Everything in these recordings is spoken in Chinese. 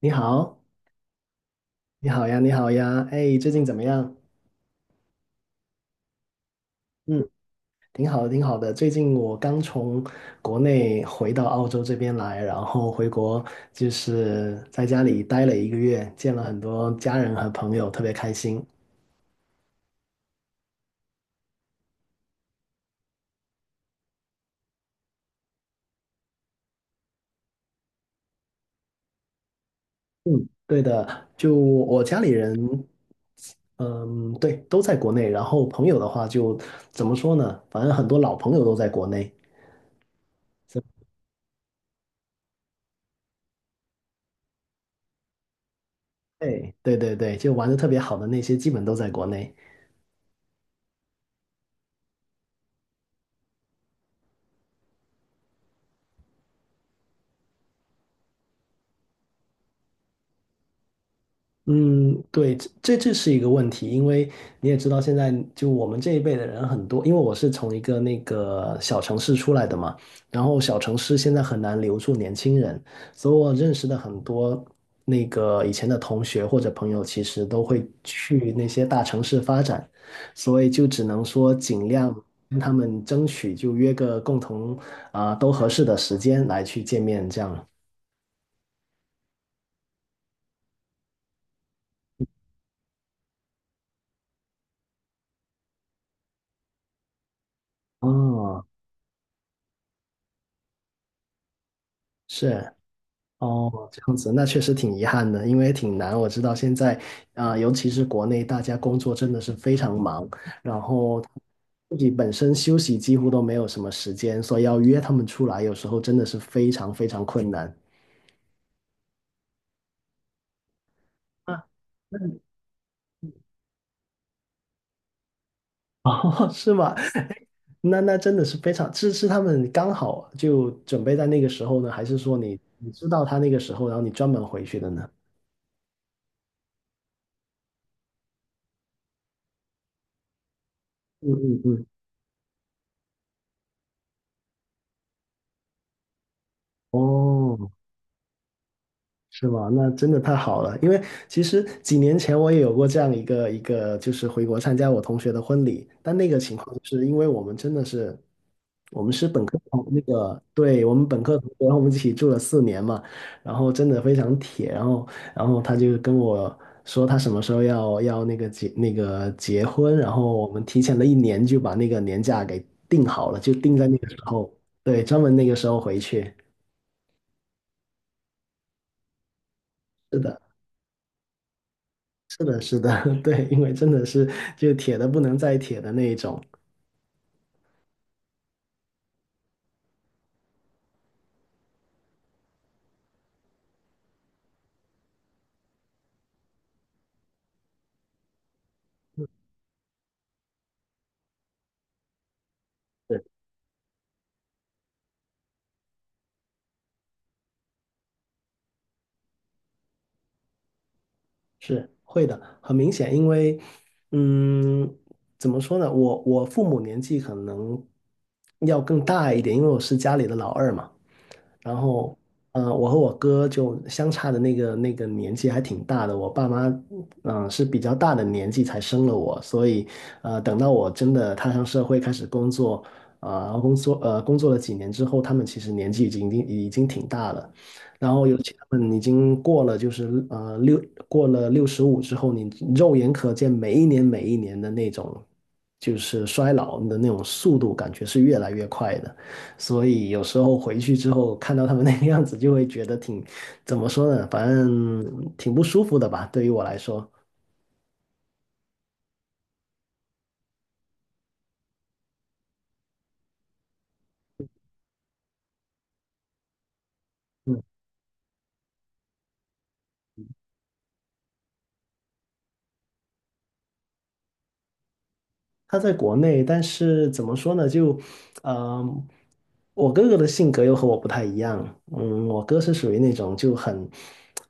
你好，你好呀，你好呀，哎，最近怎么样？嗯，挺好的，挺好的。最近我刚从国内回到澳洲这边来，然后回国就是在家里待了一个月，见了很多家人和朋友，特别开心。嗯，对的，就我家里人，嗯，对，都在国内，然后朋友的话就怎么说呢？反正很多老朋友都在国内。对，对对对，就玩的特别好的那些，基本都在国内。嗯，对，这是一个问题，因为你也知道，现在就我们这一辈的人很多，因为我是从一个那个小城市出来的嘛，然后小城市现在很难留住年轻人，所以我认识的很多那个以前的同学或者朋友，其实都会去那些大城市发展，所以就只能说尽量跟他们争取，就约个共同都合适的时间来去见面，这样。哦，是。哦，这样子，那确实挺遗憾的，因为挺难。我知道现在，尤其是国内，大家工作真的是非常忙，然后自己本身休息几乎都没有什么时间，所以要约他们出来，有时候真的是非常非常困难。啊，你，哦，是吗？那真的是非常，是他们刚好就准备在那个时候呢，还是说你知道他那个时候，然后你专门回去的呢？嗯嗯嗯。哦，是吗？那真的太好了，因为其实几年前我也有过这样一个，就是回国参加我同学的婚礼，但那个情况就是因为我们真的是，我们是本科同那个，对，我们本科同学，然后我们一起住了4年嘛，然后真的非常铁，然后他就跟我说他什么时候要那个结婚，然后我们提前了一年就把那个年假给定好了，就定在那个时候，对，专门那个时候回去，是的。是的，是的，对，因为真的是就铁的不能再铁的那一种，是是会的，很明显，因为嗯，怎么说呢，我父母年纪可能要更大一点，因为我是家里的老二嘛。然后，我和我哥就相差的那个年纪还挺大的，我爸妈，是比较大的年纪才生了我，所以，等到我真的踏上社会开始工作，工作了几年之后，他们其实年纪已经挺大了，然后尤其他们已经过了65之后，你肉眼可见每一年每一年的那种就是衰老的那种速度，感觉是越来越快的。所以有时候回去之后看到他们那个样子，就会觉得挺，怎么说呢，反正挺不舒服的吧，对于我来说。嗯，他在国内，但是怎么说呢，就，嗯、我哥哥的性格又和我不太一样，嗯，我哥是属于那种就很，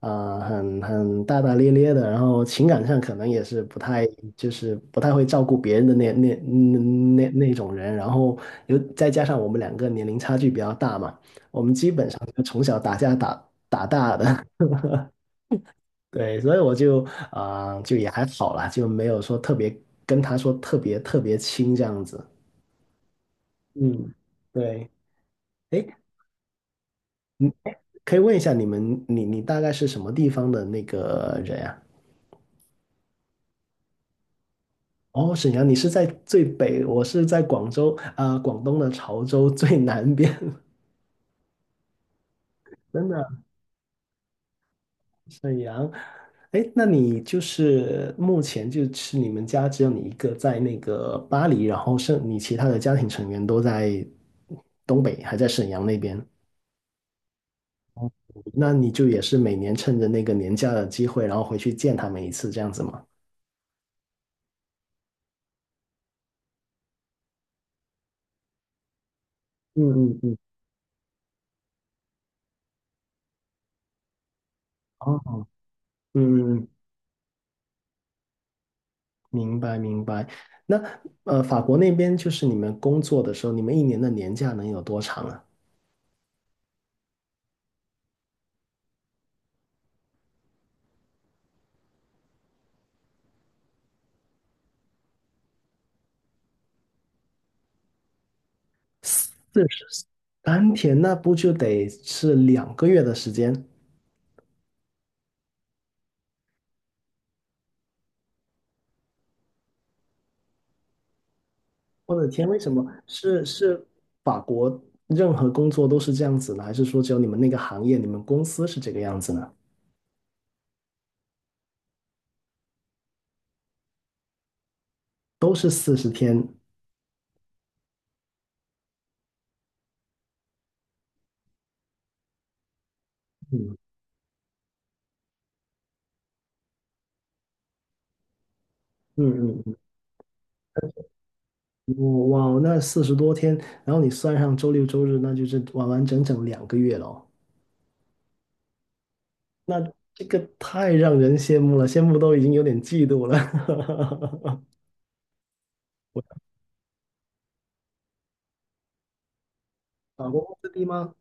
大大咧咧的，然后情感上可能也是不太，就是不太会照顾别人的那种人，然后又再加上我们两个年龄差距比较大嘛，我们基本上就从小打架打打大的，对，所以我就也还好啦，就没有说特别跟他说特别特别亲这样子，嗯，对。诶可以问一下你们，你大概是什么地方的那个人呀？哦，沈阳，你是在最北，我是在广州广东的潮州最南边。真的，沈阳，哎，那你就是目前就是你们家只有你一个在那个巴黎，然后剩你其他的家庭成员都在东北，还在沈阳那边，那你就也是每年趁着那个年假的机会，然后回去见他们一次，这样子吗？嗯嗯嗯，哦，嗯嗯嗯。明白明白。那法国那边就是你们工作的时候，你们一年的年假能有多长啊？43天，那不就得是两个月的时间？我的天，为什么是法国任何工作都是这样子呢？还是说只有你们那个行业、你们公司是这个样子呢？都是40天，嗯嗯嗯，嗯哇，哇那40多天，然后你算上周六周日，那就是完完整整两个月了哦。那这个太让人羡慕了，羡慕都已经有点嫉妒了。法国工资低吗？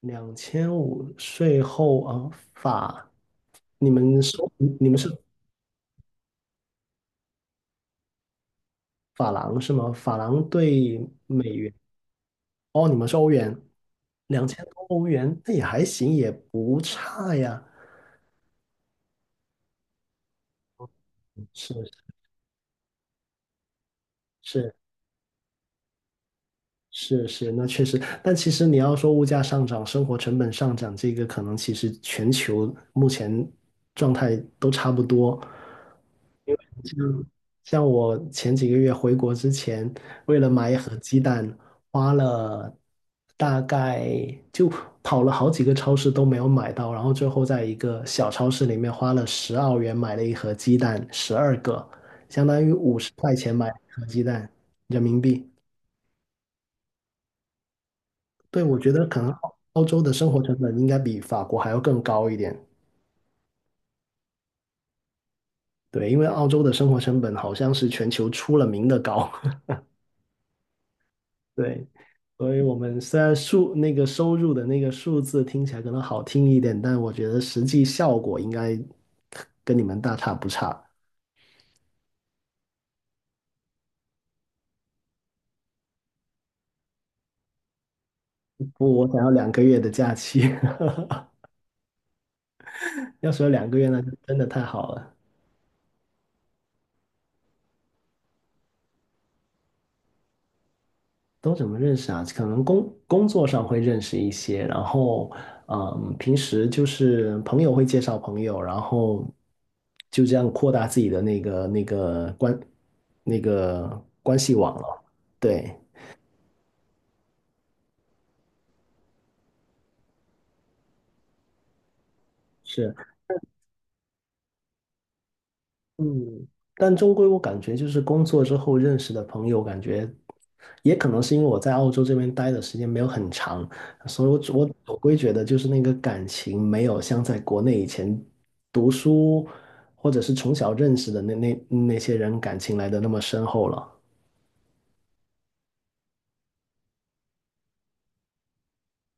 2500税后啊，你们是你们是法郎是吗？法郎对美元，哦，你们是欧元，2000多欧元，那也还行，也不差呀。是是是是，那确实。但其实你要说物价上涨、生活成本上涨，这个可能其实全球目前状态都差不多。像我前几个月回国之前，为了买一盒鸡蛋，花了大概就跑了好几个超市都没有买到，然后最后在一个小超市里面花了10澳元买了一盒鸡蛋，12个，相当于50块钱买了一盒鸡蛋，人民币。对，我觉得可能澳洲的生活成本应该比法国还要更高一点。对，因为澳洲的生活成本好像是全球出了名的高。对，所以我们虽然数那个收入的那个数字听起来可能好听一点，但我觉得实际效果应该跟你们大差不差。不，我想要两个月的假期，要是有2个月那就真的太好了。都怎么认识啊？可能工作上会认识一些，然后嗯，平时就是朋友会介绍朋友，然后就这样扩大自己的那个那个关那个关系网了。对。是。嗯，但终归我感觉就是工作之后认识的朋友，感觉也可能是因为我在澳洲这边待的时间没有很长，所以我总归觉得就是那个感情没有像在国内以前读书或者是从小认识的那些人感情来的那么深厚了。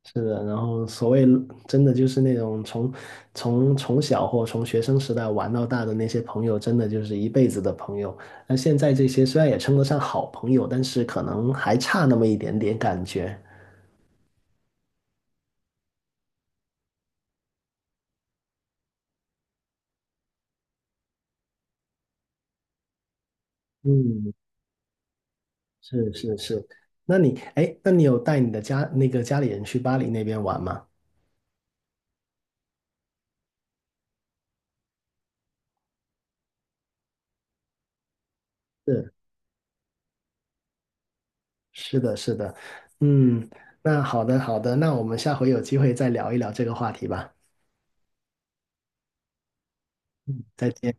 是的，然后所谓真的就是那种从小或从学生时代玩到大的那些朋友，真的就是一辈子的朋友。那现在这些虽然也称得上好朋友，但是可能还差那么一点点感觉。嗯，是是是。那你有带你的家那个家里人去巴黎那边玩吗？是是的，是的，嗯，那好的好的，那我们下回有机会再聊一聊这个话题吧。再见。